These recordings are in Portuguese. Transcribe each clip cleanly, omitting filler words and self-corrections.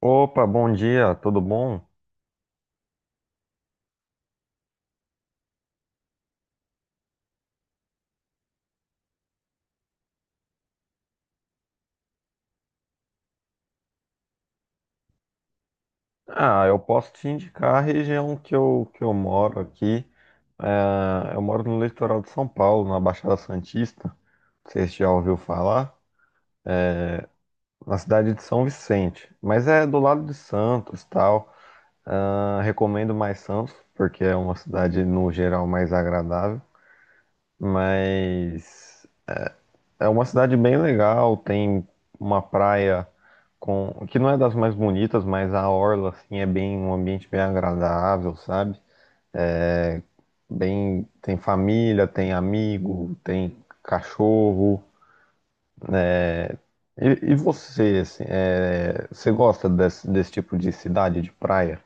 Opa, bom dia, tudo bom? Ah, eu posso te indicar a região que eu moro aqui. É, eu moro no litoral de São Paulo, na Baixada Santista. Você já ouviu falar. Na cidade de São Vicente. Mas é do lado de Santos, tal. Ah, recomendo mais Santos, porque é uma cidade, no geral, mais agradável. Mas é uma cidade bem legal, tem uma praia com que não é das mais bonitas, mas a orla assim é bem um ambiente bem agradável, sabe? É, bem, tem família, tem amigo, tem cachorro. E você, assim, é, você gosta desse tipo de cidade, de praia?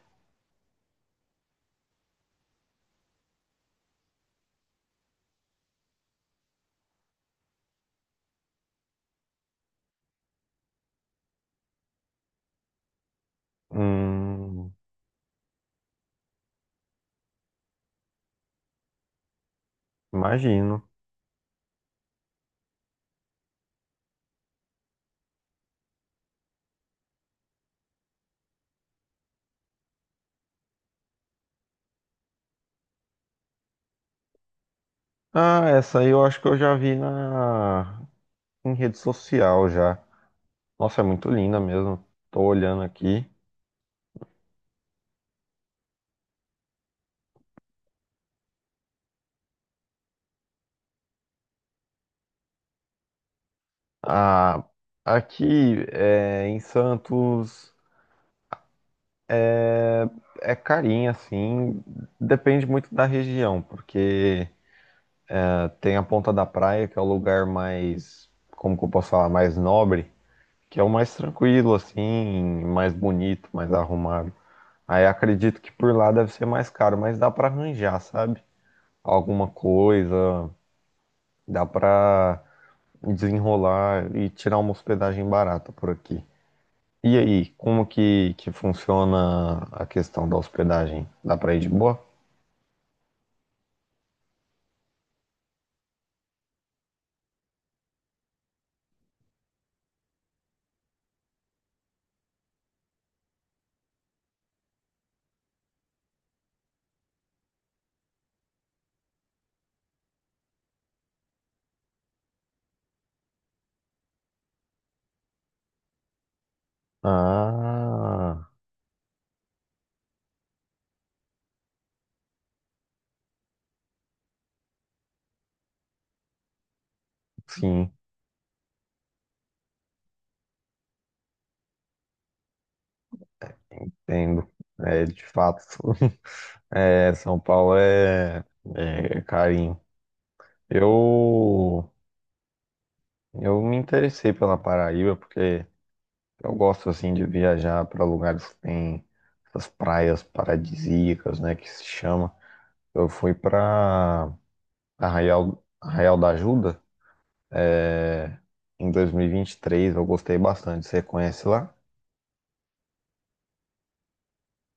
Hum, imagino. Ah, essa aí eu acho que eu já vi na em rede social já. Nossa, é muito linda mesmo. Tô olhando aqui. Ah, aqui é, em Santos é carinho, assim, depende muito da região, porque tem a Ponta da Praia, que é o lugar mais, como que eu posso falar, mais nobre, que é o mais tranquilo, assim, mais bonito, mais arrumado. Aí acredito que por lá deve ser mais caro, mas dá pra arranjar, sabe? Alguma coisa, dá pra desenrolar e tirar uma hospedagem barata por aqui. E aí, como que funciona a questão da hospedagem? Dá pra ir de boa? Ah, sim, entendo. É, de fato, é, São Paulo é, é carinho. Eu, eu me interessei pela Paraíba porque eu gosto assim de viajar para lugares que tem essas praias paradisíacas, né, que se chama. Eu fui para Arraial, Arraial da Ajuda, em dois mil e vinte e três. Eu gostei bastante. Você conhece lá?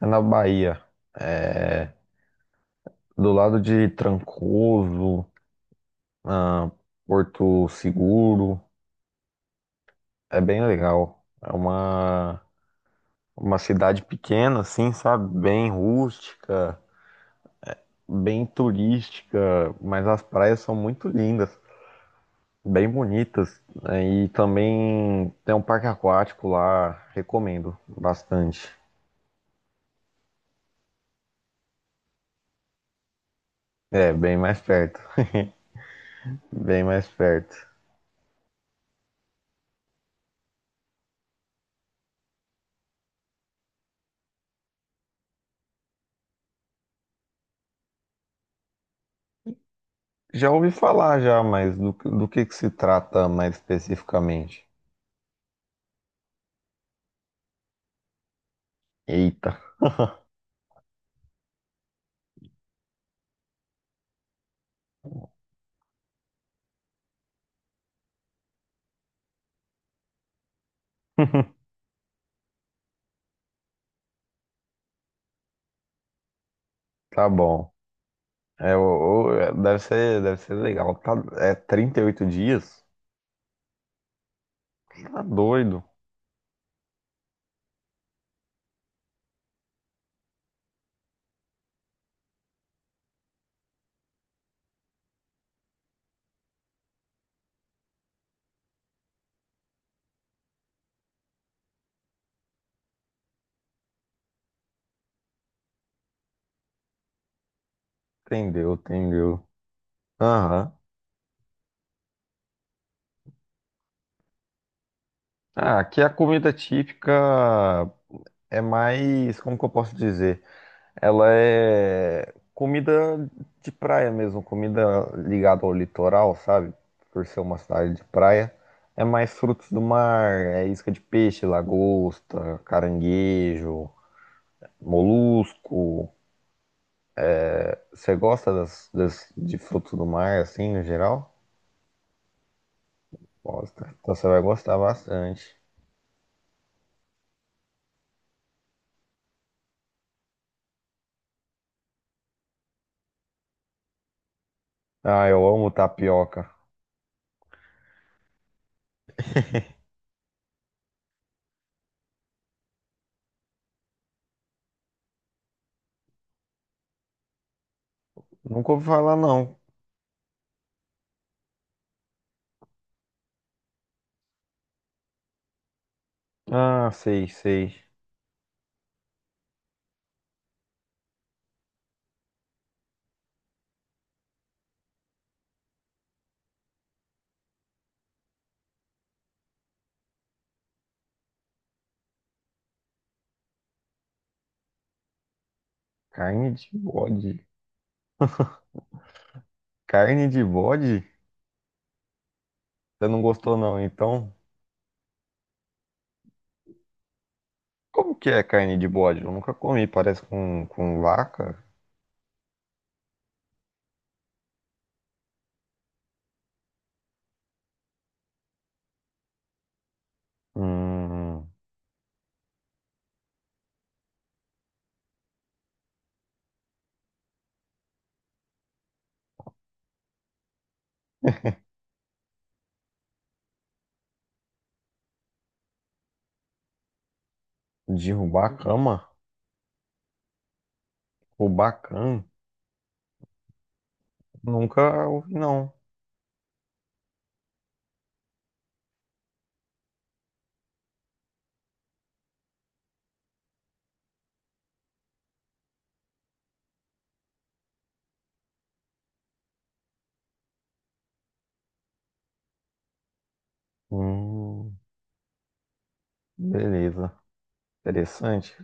É na Bahia. É do lado de Trancoso, ah, Porto Seguro. É bem legal. É uma cidade pequena, assim, sabe? Bem rústica, bem turística, mas as praias são muito lindas, bem bonitas, né? E também tem um parque aquático lá, recomendo bastante. É, bem mais perto. Bem mais perto. Já ouvi falar já, mas do que se trata mais especificamente? Eita, tá bom. É, é, deve ser legal. Tá, é 38 dias? Tá doido. Entendeu, entendeu. Aham. Ah, aqui a comida típica é mais, como que eu posso dizer? Ela é comida de praia mesmo, comida ligada ao litoral, sabe? Por ser uma cidade de praia. É mais frutos do mar, é isca de peixe, lagosta, caranguejo, molusco. Você gosta de frutos do mar, assim, no geral? Gosta. Então você vai gostar bastante. Ah, eu amo tapioca. Nunca ouvi falar, não. Ah, sei, sei. Carne de bode. Carne de bode? Você não gostou, não, então? Como que é carne de bode? Eu nunca comi, parece com vaca. Hum, derrubar a cama? Rubacan? Nunca ouvi, não. Hum, beleza. Interessante.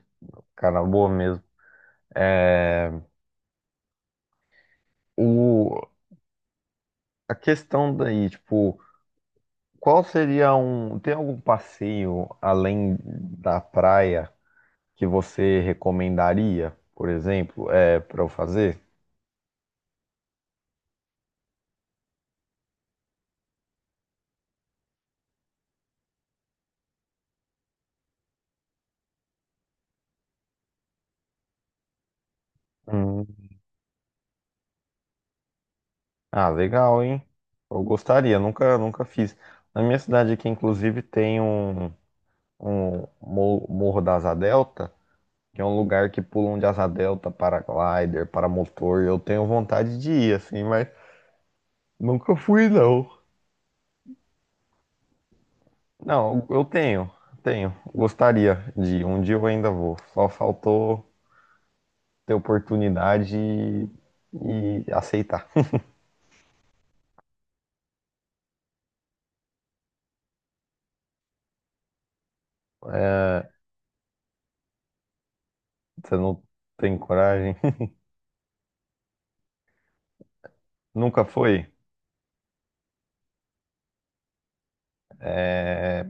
Cara, boa mesmo. É, o, a questão daí, tipo, qual seria um. Tem algum passeio além da praia que você recomendaria, por exemplo, é, para eu fazer? Hum, Ah, legal, hein? Eu gostaria, nunca, nunca fiz. Na minha cidade aqui, inclusive, tem um Morro da Asa Delta, que é um lugar que pulam de asa delta, paraglider, paramotor. Eu tenho vontade de ir, assim, mas nunca fui, não. Não, eu tenho, tenho. Gostaria de ir. Um dia eu ainda vou. Só faltou ter oportunidade e aceitar. É, você não tem coragem? Nunca foi? É.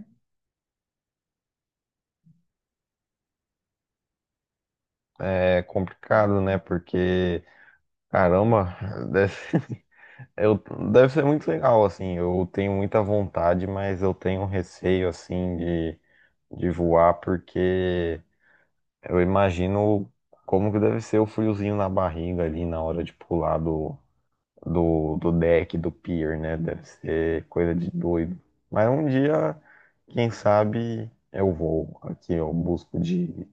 É complicado, né? Porque, caramba, deve, eu, deve ser muito legal, assim. Eu tenho muita vontade, mas eu tenho um receio, assim, de voar, porque eu imagino como que deve ser o friozinho na barriga ali na hora de pular do, deck, do pier, né? Deve ser coisa de doido. Mas um dia, quem sabe, eu vou. Aqui, eu busco de.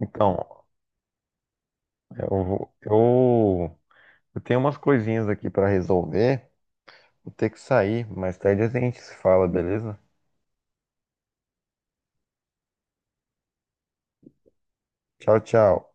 Então, eu vou. Eu. Eu tenho umas coisinhas aqui pra resolver. Vou ter que sair. Mais tarde a gente se fala, beleza? Tchau, tchau.